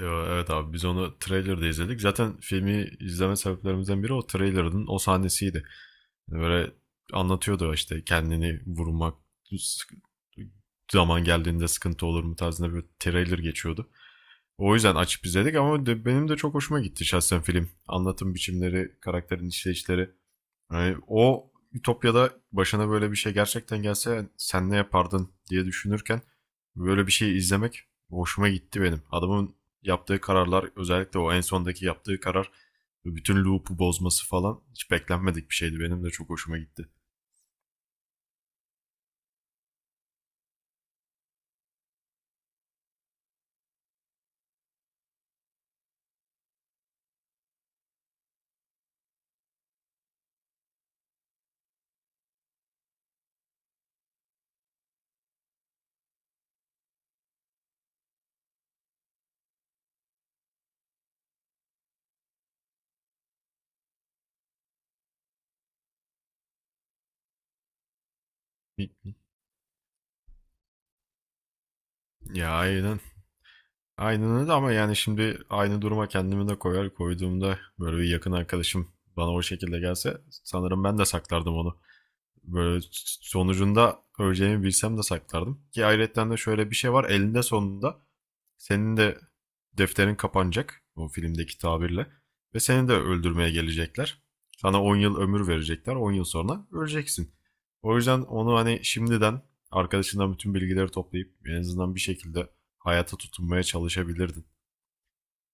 Evet abi biz onu trailer'da izledik. Zaten filmi izleme sebeplerimizden biri o trailer'ın o sahnesiydi. Yani böyle anlatıyordu işte kendini vurmak sık- zaman geldiğinde sıkıntı olur mu tarzında bir trailer geçiyordu. O yüzden açıp izledik ama benim de çok hoşuma gitti şahsen film. Anlatım biçimleri, karakterin işleyişleri. Yani o Ütopya'da başına böyle bir şey gerçekten gelse sen ne yapardın diye düşünürken böyle bir şey izlemek hoşuma gitti benim. Adamın yaptığı kararlar, özellikle o en sondaki yaptığı karar ve bütün loop'u bozması falan hiç beklenmedik bir şeydi. Benim de çok hoşuma gitti. Ya, aynen. Aynen öyle, ama yani şimdi aynı duruma kendimi de koyar koyduğumda, böyle bir yakın arkadaşım bana o şekilde gelse sanırım ben de saklardım onu. Böyle sonucunda öleceğimi bilsem de saklardım. Ki ayrıyetten de şöyle bir şey var. Elinde sonunda senin de defterin kapanacak o filmdeki tabirle ve seni de öldürmeye gelecekler. Sana 10 yıl ömür verecekler. On yıl sonra öleceksin. O yüzden onu hani şimdiden arkadaşından bütün bilgileri toplayıp en azından bir şekilde hayata tutunmaya çalışabilirdin.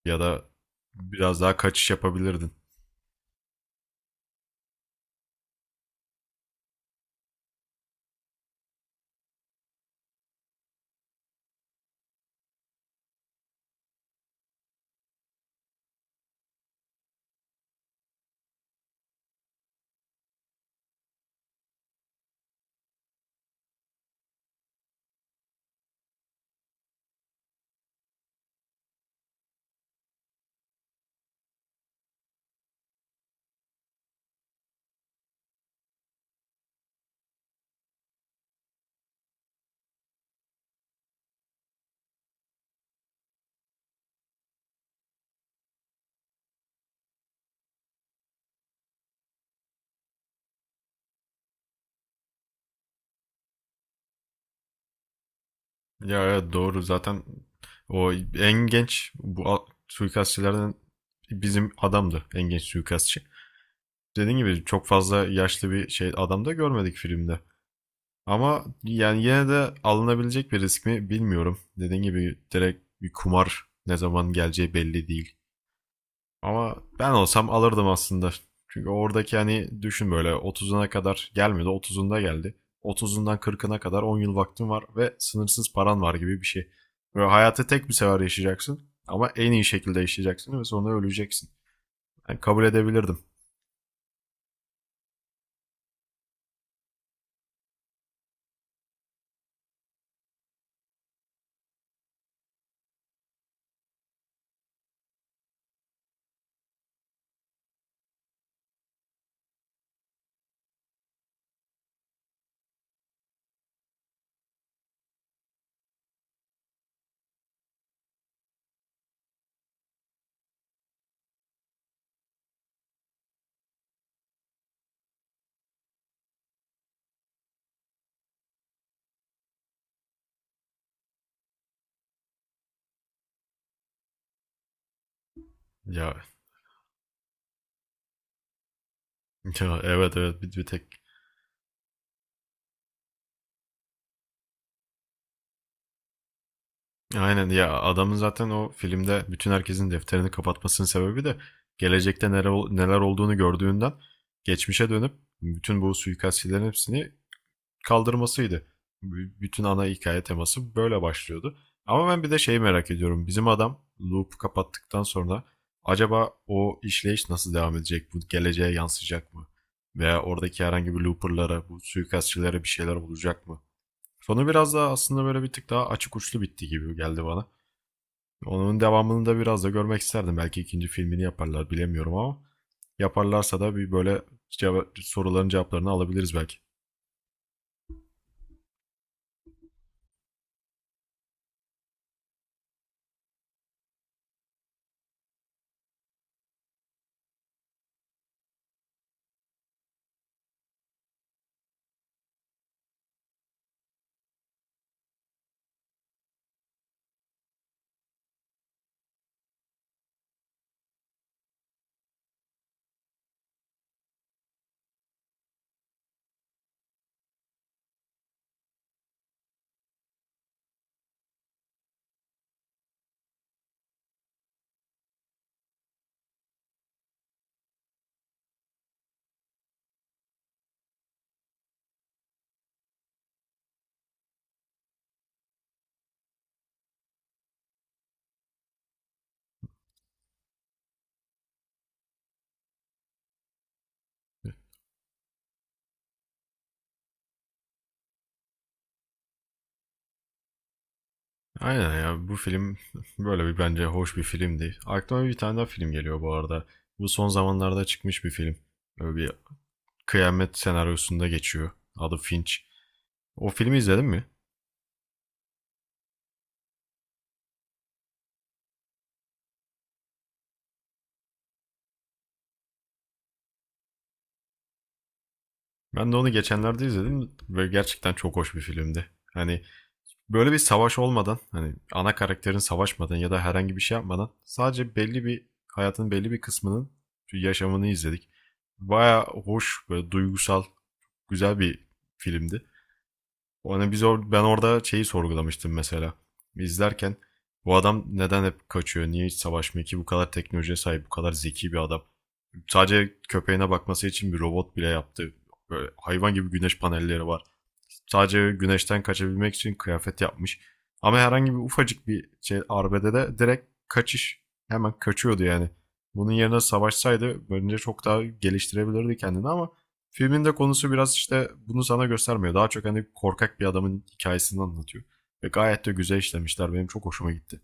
Ya da biraz daha kaçış yapabilirdin. Ya evet, doğru zaten o en genç bu suikastçilerden bizim adamdı en genç suikastçı. Dediğim gibi çok fazla yaşlı bir şey adam da görmedik filmde. Ama yani yine de alınabilecek bir risk mi bilmiyorum. Dediğim gibi direkt bir kumar, ne zaman geleceği belli değil. Ama ben olsam alırdım aslında. Çünkü oradaki hani düşün, böyle 30'una kadar gelmedi, 30'unda geldi. 30'undan 40'ına kadar 10 yıl vaktin var ve sınırsız paran var gibi bir şey. Böyle hayatı tek bir sefer yaşayacaksın ama en iyi şekilde yaşayacaksın ve sonra öleceksin. Yani kabul edebilirdim. Ya, ya evet, evet, bir tek. Aynen ya, adamın zaten o filmde bütün herkesin defterini kapatmasının sebebi de gelecekte neler olduğunu gördüğünden geçmişe dönüp bütün bu suikastçilerin hepsini kaldırmasıydı. Bütün ana hikaye teması böyle başlıyordu. Ama ben bir de şeyi merak ediyorum. Bizim adam loop kapattıktan sonra acaba o işleyiş nasıl devam edecek? Bu geleceğe yansıyacak mı? Veya oradaki herhangi bir looperlara, bu suikastçilere bir şeyler olacak mı? Sonu biraz daha aslında böyle bir tık daha açık uçlu bitti gibi geldi bana. Onun devamını da biraz da görmek isterdim. Belki ikinci filmini yaparlar, bilemiyorum, ama yaparlarsa da bir böyle soruların cevaplarını alabiliriz belki. Aynen ya, bu film böyle bir, bence hoş bir filmdi. Aklıma bir tane daha film geliyor bu arada. Bu son zamanlarda çıkmış bir film. Böyle bir kıyamet senaryosunda geçiyor. Adı Finch. O filmi izledin mi? Ben de onu geçenlerde izledim ve gerçekten çok hoş bir filmdi. Hani böyle bir savaş olmadan, hani ana karakterin savaşmadan ya da herhangi bir şey yapmadan, sadece belli bir hayatın belli bir kısmının yaşamını izledik. Baya hoş, böyle duygusal, güzel bir filmdi. Hani biz or ben orada şeyi sorgulamıştım mesela. İzlerken, bu adam neden hep kaçıyor? Niye hiç savaşmıyor ki? Bu kadar teknolojiye sahip, bu kadar zeki bir adam. Sadece köpeğine bakması için bir robot bile yaptı. Böyle hayvan gibi güneş panelleri var. Sadece güneşten kaçabilmek için kıyafet yapmış. Ama herhangi bir ufacık bir şey arbedede de direkt kaçış. Hemen kaçıyordu yani. Bunun yerine savaşsaydı bence çok daha geliştirebilirdi kendini, ama filmin de konusu biraz işte bunu sana göstermiyor. Daha çok hani korkak bir adamın hikayesini anlatıyor. Ve gayet de güzel işlemişler. Benim çok hoşuma gitti.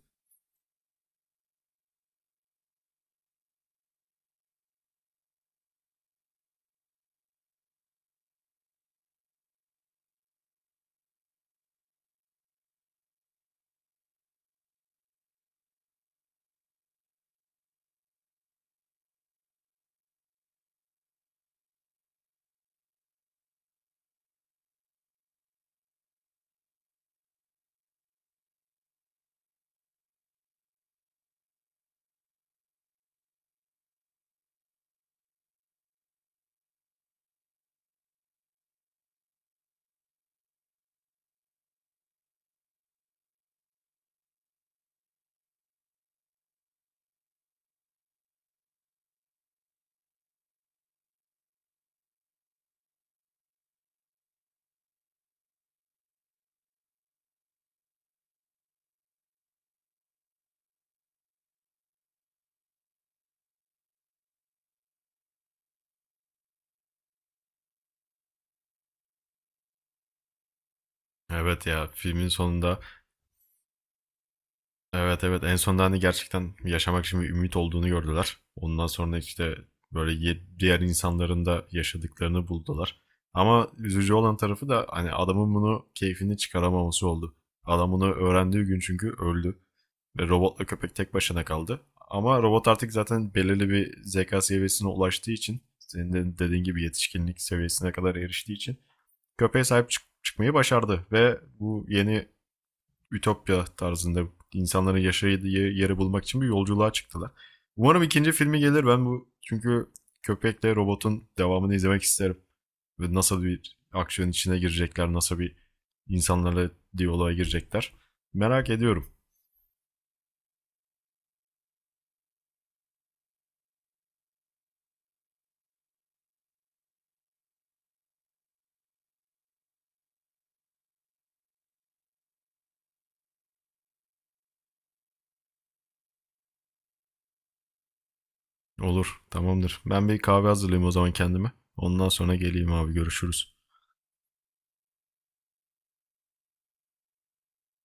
Evet ya, filmin sonunda. Evet, evet, en sonunda hani gerçekten yaşamak için bir ümit olduğunu gördüler. Ondan sonra işte böyle diğer insanların da yaşadıklarını buldular. Ama üzücü olan tarafı da hani adamın bunu keyfini çıkaramaması oldu. Adam bunu öğrendiği gün çünkü öldü. Ve robotla köpek tek başına kaldı. Ama robot artık zaten belirli bir zeka seviyesine ulaştığı için, senin de dediğin gibi yetişkinlik seviyesine kadar eriştiği için köpeğe sahip çıkmayı başardı ve bu yeni ütopya tarzında insanların yaşadığı yeri bulmak için bir yolculuğa çıktılar. Umarım ikinci filmi gelir. Ben bu çünkü köpekle robotun devamını izlemek isterim. Ve nasıl bir aksiyon içine girecekler, nasıl bir insanlarla diyaloğa girecekler. Merak ediyorum. Olur, tamamdır. Ben bir kahve hazırlayayım o zaman kendime. Ondan sonra geleyim abi, görüşürüz.